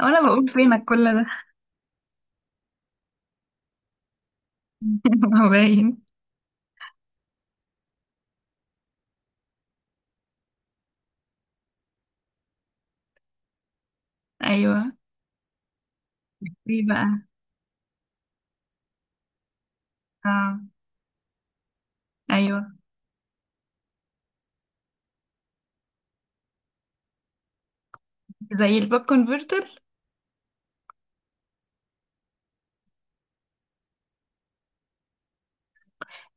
وانا بقول فينك كل ده. هو باين. ايوه. ايه بقى. اه. ايوه، زي الباك كونفرتر.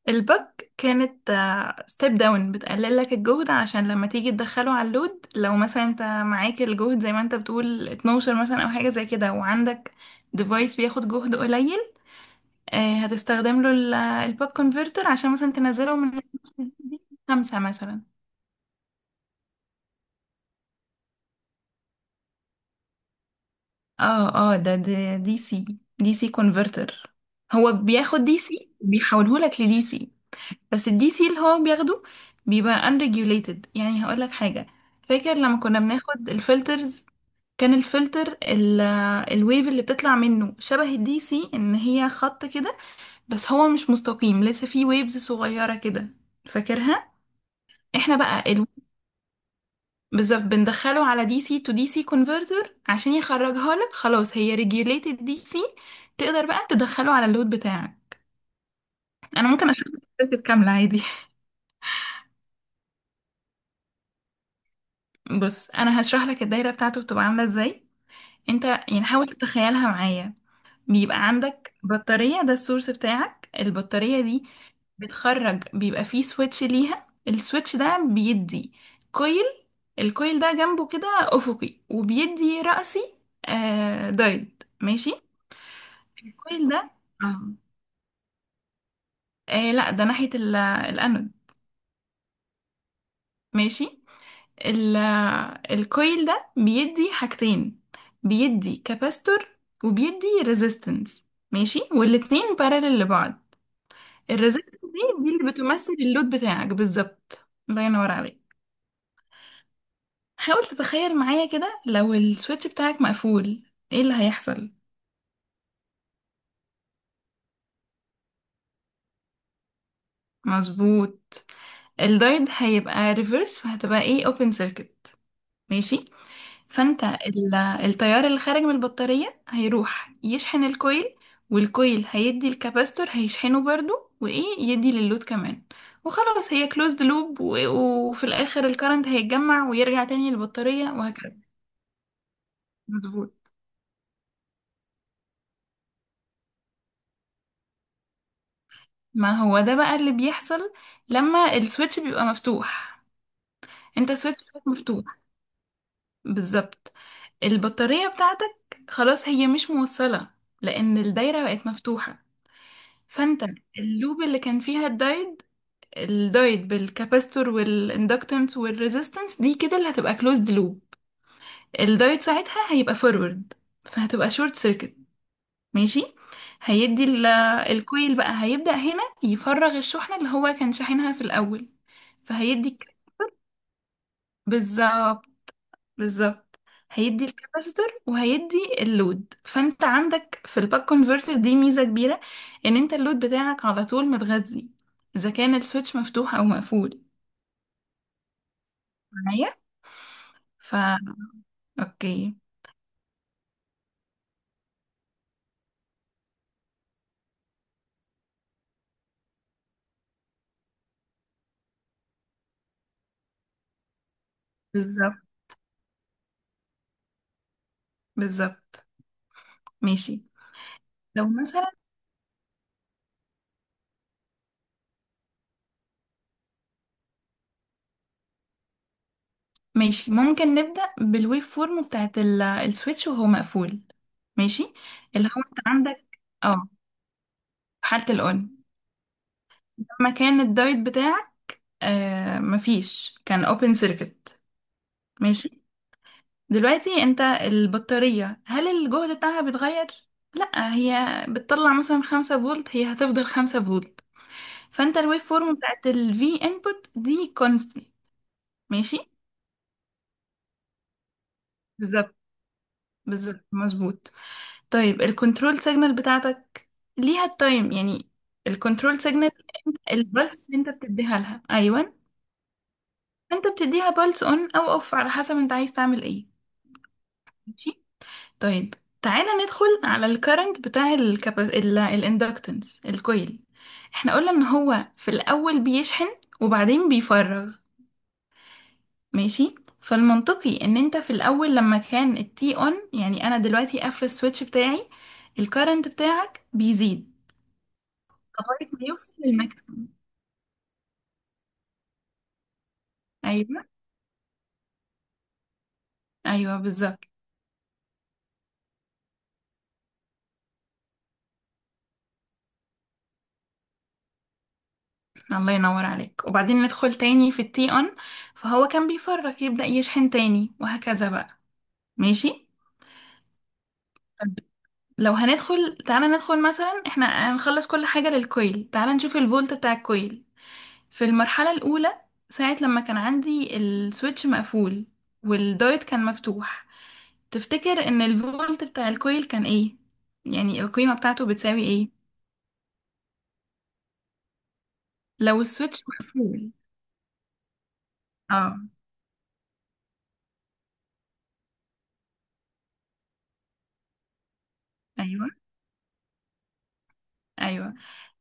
الباك كانت ستيب داون، بتقلل لك الجهد عشان لما تيجي تدخله على اللود. لو مثلا انت معاك الجهد زي ما انت بتقول 12 مثلا او حاجه زي كده، وعندك ديفايس بياخد جهد قليل، آه، هتستخدم له الباك كونفرتر عشان مثلا تنزله من خمسة مثلا. اه، ده دي سي. دي سي كونفرتر. هو بياخد دي سي بيحوله لك لدي سي. بس الدي سي اللي هو بياخده بيبقى unregulated. يعني هقول لك حاجة، فاكر لما كنا بناخد الفلترز؟ كان الفلتر الويف اللي بتطلع منه شبه الدي سي، ان هي خط كده، بس هو مش مستقيم، لسه فيه ويفز صغيرة كده، فاكرها؟ احنا بقى بالظبط بندخله على دي سي تو دي سي كونفرتر عشان يخرجها لك، خلاص هي ريجيوليتد دي سي. تقدر بقى تدخله على اللود بتاعك. انا ممكن اشرح لك السيركت كامله عادي. بص انا هشرح لك الدايره بتاعته بتبقى عامله ازاي. انت يعني حاول تتخيلها معايا. بيبقى عندك بطاريه، ده السورس بتاعك، البطاريه دي بتخرج، بيبقى فيه سويتش ليها، السويتش ده بيدي كويل. الكويل ده جنبه كده افقي، وبيدي رأسي، آه دايد، ماشي. الكويل ده، اه، إيه لا، ده ناحية الانود. ماشي. ال- الكويل ده بيدي حاجتين، بيدي كاباستور وبيدي ريزيستنس. ماشي، والاتنين بارالل لبعض. الريزيستنس دي اللي بتمثل اللود بتاعك، بالظبط الله ينور عليك. حاول تتخيل معايا كده، لو السويتش بتاعك مقفول، ايه اللي هيحصل؟ مظبوط. الدايد هيبقى ريفرس، فهتبقى ايه اوبن سيركت. ماشي. فانت التيار اللي خارج من البطارية هيروح يشحن الكويل، والكويل هيدي الكاباستور هيشحنه برضو، وايه يدي للود كمان، وخلاص هي كلوزد لوب، وفي الاخر الكرنت هيتجمع ويرجع تاني للبطارية وهكذا. مظبوط. ما هو ده بقى اللي بيحصل لما السويتش بيبقى مفتوح. انت السويتش بتاعك مفتوح، بالظبط، البطارية بتاعتك خلاص هي مش موصلة، لان الدايرة بقت مفتوحة. فانت اللوب اللي كان فيها الدايت، الدايت بالكاباستور والاندكتنس والريزيستنس دي كده اللي هتبقى كلوزد لوب. الدايت ساعتها هيبقى فورورد، فهتبقى شورت سيركت. ماشي. هيدي الكويل بقى هيبدأ هنا يفرغ الشحنة اللي هو كان شاحنها في الأول. فهيدي ك- بالظبط. بالظبط. هيدي الكاباسيتور وهيدي اللود. فانت عندك في الباك كونفرتر دي ميزة كبيرة، ان انت اللود بتاعك على طول متغذي، اذا كان السويتش مفتوح او مقفول. معايا. فا، اوكي. بالظبط بالظبط. ماشي. لو مثلا، ماشي، ممكن نبدأ بالويف فورم بتاعت السويتش وهو مقفول. ماشي. اللي هو انت عندك، اه، حالة الأون. لما كان الدايت بتاعك آه مفيش، كان اوبن سيركت. ماشي. دلوقتي انت البطارية، هل الجهد بتاعها بيتغير؟ لا، هي بتطلع مثلا خمسة فولت، هي هتفضل خمسة فولت. فانت الويف فورم بتاعت الفي انبوت دي constant. ماشي. بالظبط بالظبط مظبوط. طيب الكنترول سيجنال بتاعتك، ليها التايم يعني الكنترول سيجنال، البلس اللي انت بتديها لها ايوه. انت بتديها بلس اون او اوف على حسب انت عايز تعمل ايه. ماشي. طيب تعالى ندخل على الكرنت بتاع الاندكتنس، الكويل. احنا قلنا ان هو في الاول بيشحن وبعدين بيفرغ. ماشي. فالمنطقي ان انت في الاول لما كان التي اون، يعني انا دلوقتي قافله السويتش بتاعي، الكرنت بتاعك بيزيد لغايه ما يوصل للماكسيمم. ايوه. ايوه بالظبط الله ينور عليك. وبعدين ندخل تاني في التي اون، فهو كان بيفرغ يبدا يشحن تاني وهكذا بقى. ماشي. طب لو هندخل، تعالى ندخل مثلا، احنا هنخلص كل حاجه للكويل. تعالى نشوف الفولت بتاع الكويل في المرحلة الأولى، ساعة لما كان عندي السويتش مقفول والدايت كان مفتوح. تفتكر إن الفولت بتاع الكويل كان إيه؟ يعني القيمة بتاعته بتساوي إيه؟ لو السويتش مقفول. اه. أيوه. أيوه.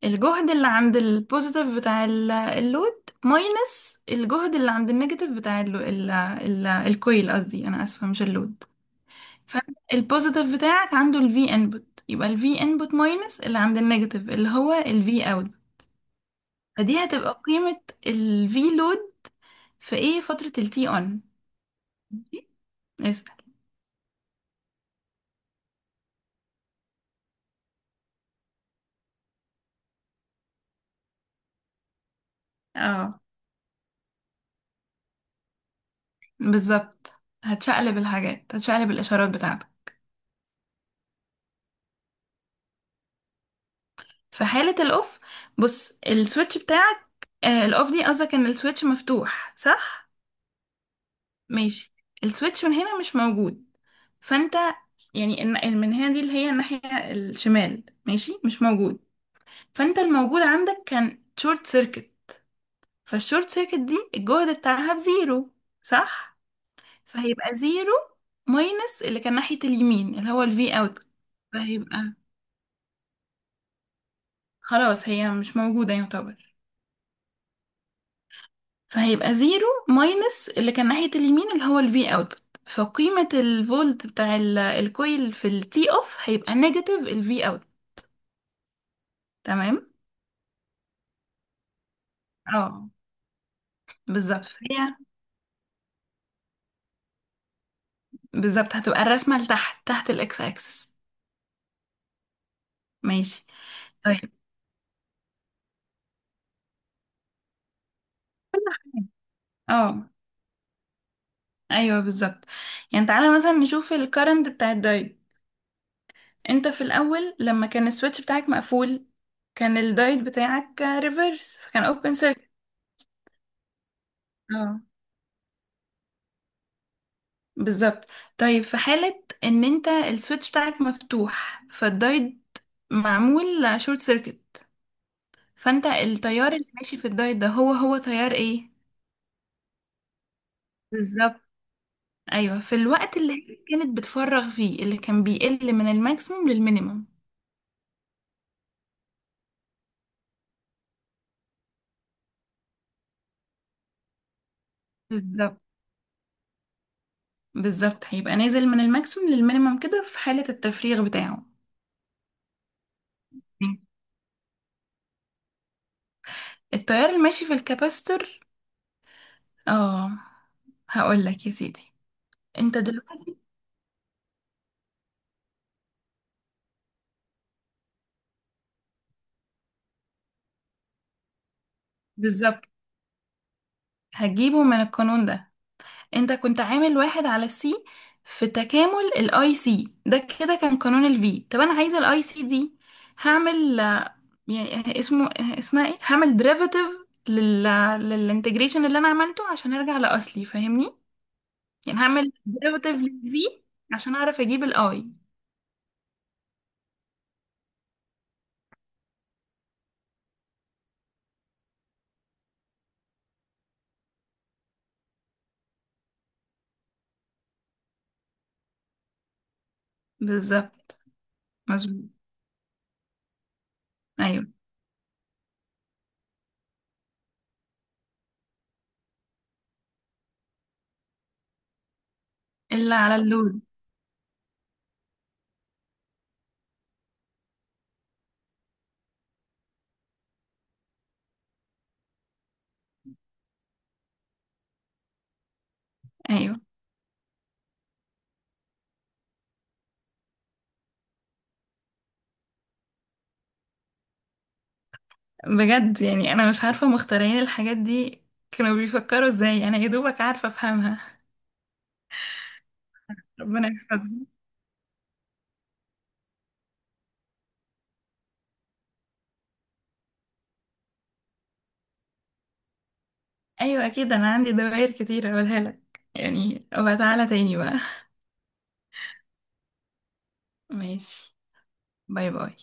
الجهد اللي عند البوزيتيف بتاع اللود ماينس الجهد اللي عند النيجاتيف بتاع ال ال ال الكويل، قصدي، أنا آسفة، مش اللود. فالبوزيتيف بتاعك عنده الفي انبوت، يبقى الفي انبوت ماينس اللي عند النيجاتيف اللي هو الفي اوت. فدي هتبقى قيمة الفي لود في ايه فترة التي اون. اسأل. اه. بالظبط، هتشقلب الحاجات، هتشقلب الاشارات بتاعتك. في حالة الاوف، بص السويتش بتاعك، آه الاوف دي قصدك ان السويتش مفتوح صح. ماشي. السويتش من هنا مش موجود، فانت يعني من هنا دي اللي هي الناحية الشمال، ماشي مش موجود. فانت الموجود عندك كان شورت سيركت، فالشورت سيركت دي الجهد بتاعها بزيرو، صح؟ فهيبقى زيرو ماينس اللي كان ناحية اليمين اللي هو الفي اوت. فهيبقى خلاص هي مش موجودة يعتبر. فهيبقى زيرو ماينس اللي كان ناحية اليمين اللي هو الفي اوت، فقيمة الفولت بتاع الكويل في التي اوف هيبقى نيجاتيف الفي اوت. تمام. اه. بالظبط فهي بالظبط، هتبقى الرسمة لتحت، تحت الاكس اكسس. ماشي. طيب. اه ايوه بالظبط. يعني تعالى مثلا نشوف الكرنت بتاع الدايت. انت في الاول لما كان السويتش بتاعك مقفول، كان الدايت بتاعك ريفرس، فكان اوبن سيركت. اه. بالظبط. طيب في حالة ان انت السويتش بتاعك مفتوح، فالدايت معمول شورت سيركت، فانت التيار اللي ماشي في الدايت ده هو هو تيار ايه. بالظبط. ايوه في الوقت اللي هي كانت بتفرغ فيه اللي كان بيقل من الماكسيموم للمينيمم. بالظبط بالظبط هيبقى نازل من الماكسيموم للمينيمم كده في حالة التفريغ بتاعه. التيار الماشي في الكباستور، اه، هقول لك يا سيدي. انت دلوقتي، بالظبط، هتجيبه من القانون ده. انت كنت عامل واحد على السي في تكامل الاي سي، ده كده كان قانون الفي، طب انا عايزه الاي سي دي، هعمل آه، يعني اسمه اسمها ايه، هعمل ديريفاتيف لل للانتجريشن اللي انا عملته عشان ارجع لاصلي فاهمني. يعني هعمل ديريفاتيف للفي عشان اعرف اجيب الاي. بالظبط مظبوط. ايوه. الا على اللود. ايوه. بجد يعني انا مش عارفه مخترعين الحاجات دي كانوا بيفكروا ازاي، انا يا دوبك عارفه افهمها. ربنا يحفظهم. ايوه اكيد انا عندي دوائر كتير اقولها لك، يعني وتعالى تاني بقى. ماشي. باي باي.